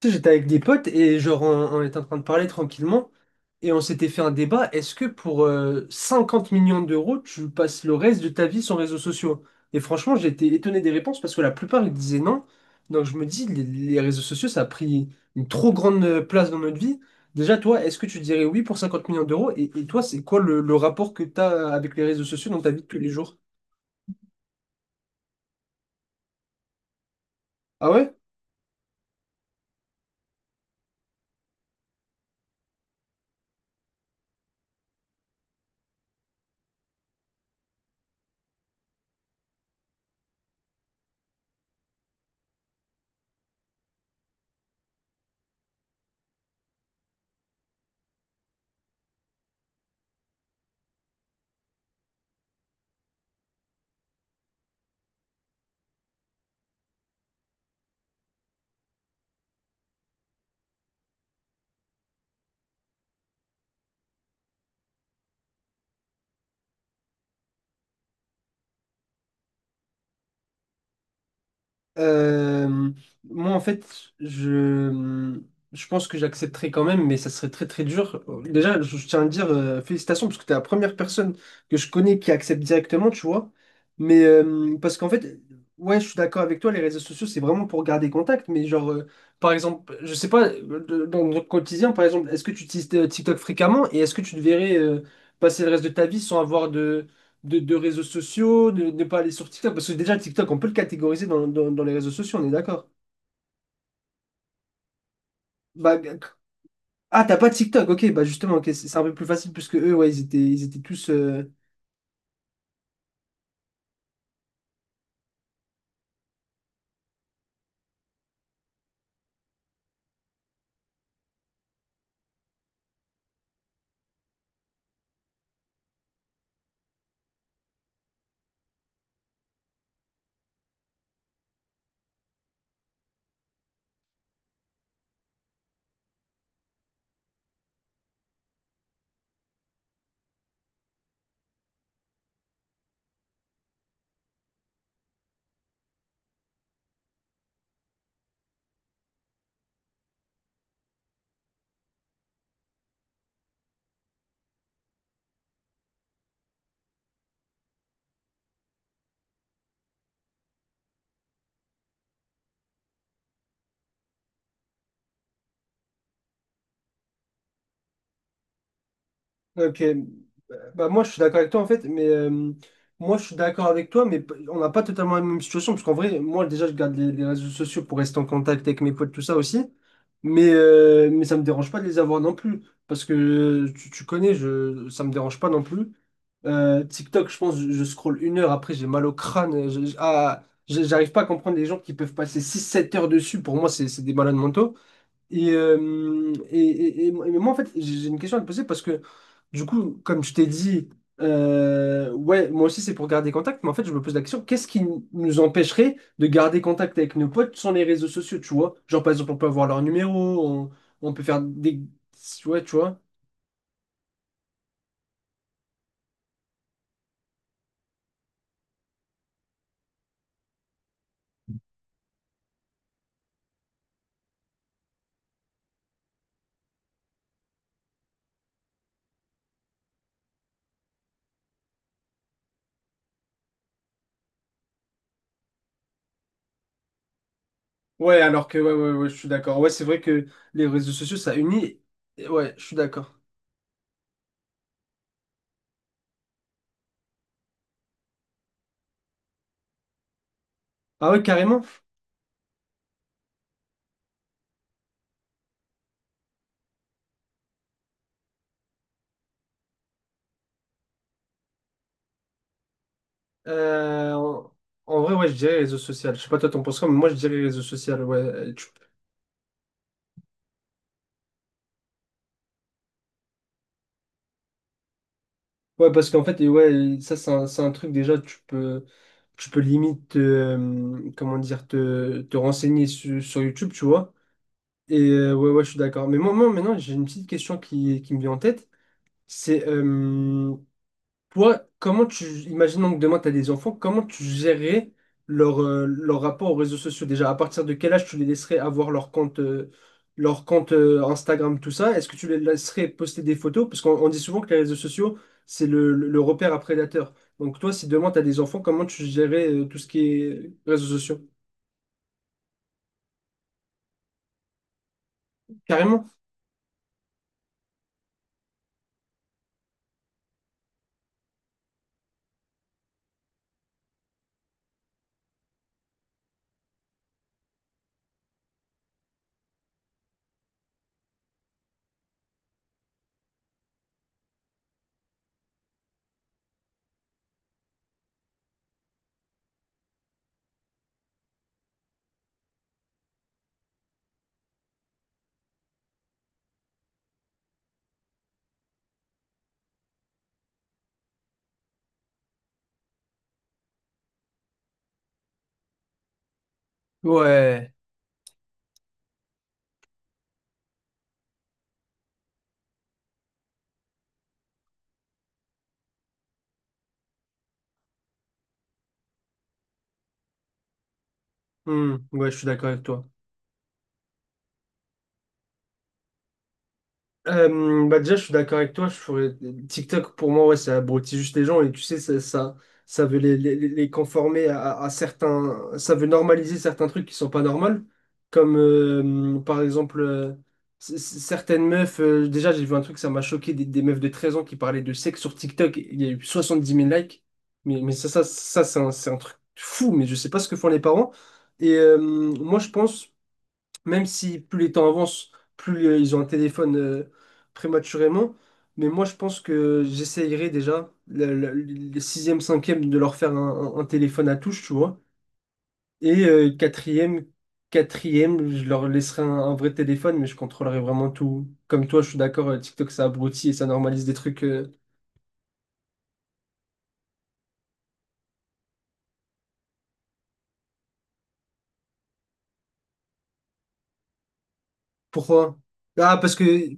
Tu sais, j'étais avec des potes et on était en train de parler tranquillement et on s'était fait un débat. Est-ce que pour 50 millions d'euros, tu passes le reste de ta vie sans réseaux sociaux? Et franchement, j'étais étonné des réponses parce que la plupart ils disaient non. Donc je me dis, les réseaux sociaux, ça a pris une trop grande place dans notre vie. Déjà, toi, est-ce que tu dirais oui pour 50 millions d'euros? Et toi, c'est quoi le rapport que tu as avec les réseaux sociaux dans ta vie de tous les jours? Ah ouais? Euh, Moi, en fait, je, je pense que j'accepterai quand même, mais ça serait très très dur. Déjà, je tiens à dire félicitations parce que tu es la première personne que je connais qui accepte directement, tu vois. Mais parce qu'en fait, ouais, je suis d'accord avec toi, les réseaux sociaux, c'est vraiment pour garder contact. Mais genre, par exemple, je sais pas, dans notre quotidien, par exemple, est-ce que tu utilises TikTok fréquemment et est-ce que tu devrais passer le reste de ta vie sans avoir de réseaux sociaux, de ne pas aller sur TikTok. Parce que déjà, TikTok, on peut le catégoriser dans les réseaux sociaux, on est d'accord. Bah, ah, t'as pas de TikTok, ok, bah justement, ok, c'est un peu plus facile puisque eux, ouais, ils étaient tous. Ok, bah moi je suis d'accord avec toi en fait, mais moi je suis d'accord avec toi, mais on n'a pas totalement la même situation parce qu'en vrai, moi déjà je garde les réseaux sociaux pour rester en contact avec mes potes, tout ça aussi, mais ça me dérange pas de les avoir non plus parce que tu, tu connais, je, ça me dérange pas non plus. TikTok, je pense, je scrolle 1 heure après, j'ai mal au crâne, j'arrive pas à comprendre les gens qui peuvent passer 6 7 heures dessus, pour moi c'est des malades mentaux. Mais moi, en fait, j'ai une question à te poser parce que, du coup, comme je t'ai dit, ouais, moi aussi, c'est pour garder contact, mais en fait, je me pose la question, qu'est-ce qui nous empêcherait de garder contact avec nos potes sans les réseaux sociaux, tu vois? Genre, par exemple, on peut avoir leur numéro, on peut faire des... Ouais, tu vois? Ouais, alors que, ouais, ouais, ouais, je suis d'accord. Ouais, c'est vrai que les réseaux sociaux, ça unit. Et ouais, je suis d'accord. Ah ouais, carrément. Euh, en En vrai, ouais, je dirais réseau social. Je sais pas, toi, t'en penses quoi, mais moi, je dirais réseau social. Ouais. Ouais, parce qu'en fait, et ouais, ça, c'est un truc déjà, tu peux limite, comment dire, te renseigner sur YouTube, tu vois. Et ouais, ouais, je suis d'accord. Moi, maintenant, j'ai une petite question qui me vient en tête. C'est toi, comment tu, imaginons que demain tu as des enfants, comment tu gérerais leur, leur rapport aux réseaux sociaux déjà? À partir de quel âge tu les laisserais avoir leur compte, Instagram, tout ça? Est-ce que tu les laisserais poster des photos? Parce qu'on on dit souvent que les réseaux sociaux, c'est le repère à prédateurs. Donc toi, si demain tu as des enfants, comment tu gérerais tout ce qui est réseaux sociaux? Carrément? Ouais. Hmm, ouais, je suis d'accord avec toi. Bah déjà, je suis d'accord avec toi. Je ferais... TikTok, pour moi, ouais, ça abrutit juste les gens. Et tu sais, ça veut les conformer à certains. Ça veut normaliser certains trucs qui sont pas normaux. Comme, par exemple, certaines meufs. Déjà, j'ai vu un truc, ça m'a choqué. Des meufs de 13 ans qui parlaient de sexe sur TikTok. Il y a eu 70 000 likes. Ça c'est un truc fou. Mais je sais pas ce que font les parents. Et moi, je pense même si plus les temps avancent, plus ils ont un téléphone prématurément. Mais moi, je pense que j'essayerai déjà, le sixième, cinquième, de leur faire un, un téléphone à touche, tu vois. Et quatrième, je leur laisserai un vrai téléphone, mais je contrôlerai vraiment tout. Comme toi, je suis d'accord, TikTok, ça abrutit et ça normalise des trucs. Pourquoi? Ah, parce que...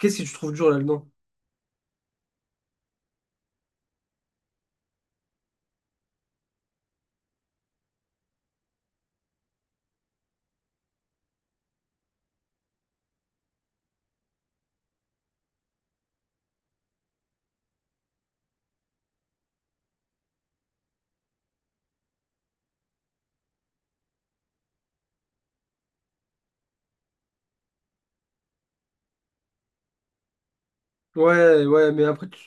Qu'est-ce que tu trouves dur là-dedans? Ouais, ouais, mais après...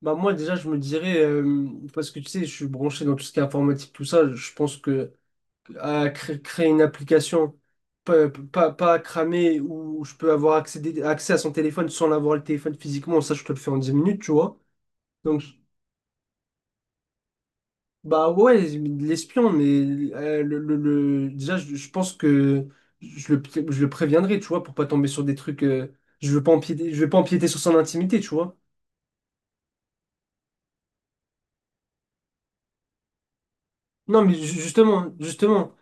Bah moi déjà je me dirais parce que tu sais je suis branché dans tout ce qui est informatique tout ça je pense que à créer une application pas cramer où je peux avoir accès à son téléphone sans l'avoir le téléphone physiquement ça je te le fais en 10 minutes tu vois donc bah ouais l'espion mais déjà je pense que je le, je le préviendrai tu vois pour pas tomber sur des trucs je veux pas empiéter sur son intimité tu vois non mais justement justement.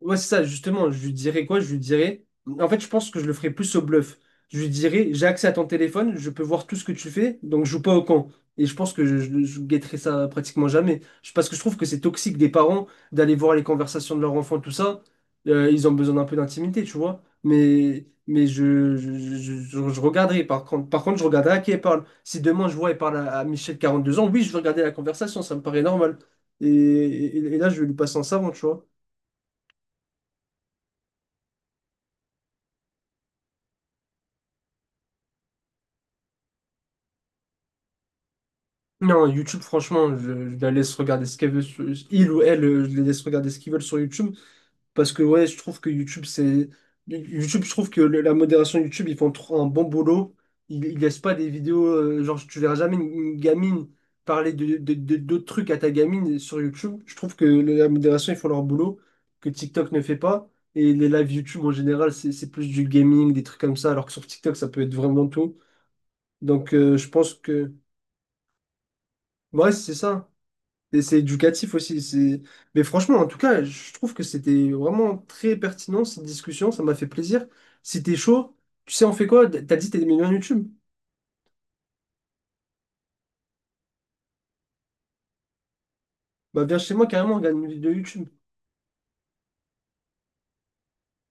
Ouais, c'est ça, justement, je lui dirais quoi? Je lui dirais. En fait, je pense que je le ferais plus au bluff. Je lui dirais, j'ai accès à ton téléphone, je peux voir tout ce que tu fais, donc joue pas au con. Et je pense que je guetterai ça pratiquement jamais. Je- Parce que je trouve que c'est toxique des parents d'aller voir les conversations de leur enfant, tout ça. Ils ont besoin d'un peu d'intimité, tu vois. Je regarderai. Par contre, je regarderai à qui elle parle. Si demain je vois elle parle à Michel, 42 ans, oui, je vais regarder la conversation, ça me paraît normal. Là, je vais lui passer un savon, tu vois. Non, YouTube, franchement, je la laisse regarder ce qu'elle veut sur, il ou elle, je les laisse regarder ce qu'ils veulent sur YouTube. Parce que ouais, je trouve que YouTube, c'est. YouTube, je trouve que la modération YouTube, ils font trop un bon boulot. Ils laissent pas des vidéos, genre tu verras jamais une, une gamine parler d'autres trucs à ta gamine sur YouTube. Je trouve que la modération, ils font leur boulot, que TikTok ne fait pas. Et les lives YouTube en général, c'est plus du gaming, des trucs comme ça, alors que sur TikTok, ça peut être vraiment tout. Donc je pense que. Ouais, c'est ça. Et c'est éducatif aussi. C'est- Mais franchement, en tout cas, je trouve que c'était vraiment très pertinent cette discussion. Ça m'a fait plaisir. Si t'es chaud, tu sais, on fait quoi? T'as dit que t'es des millions YouTube. Bah viens chez moi carrément, on regarde une vidéo YouTube.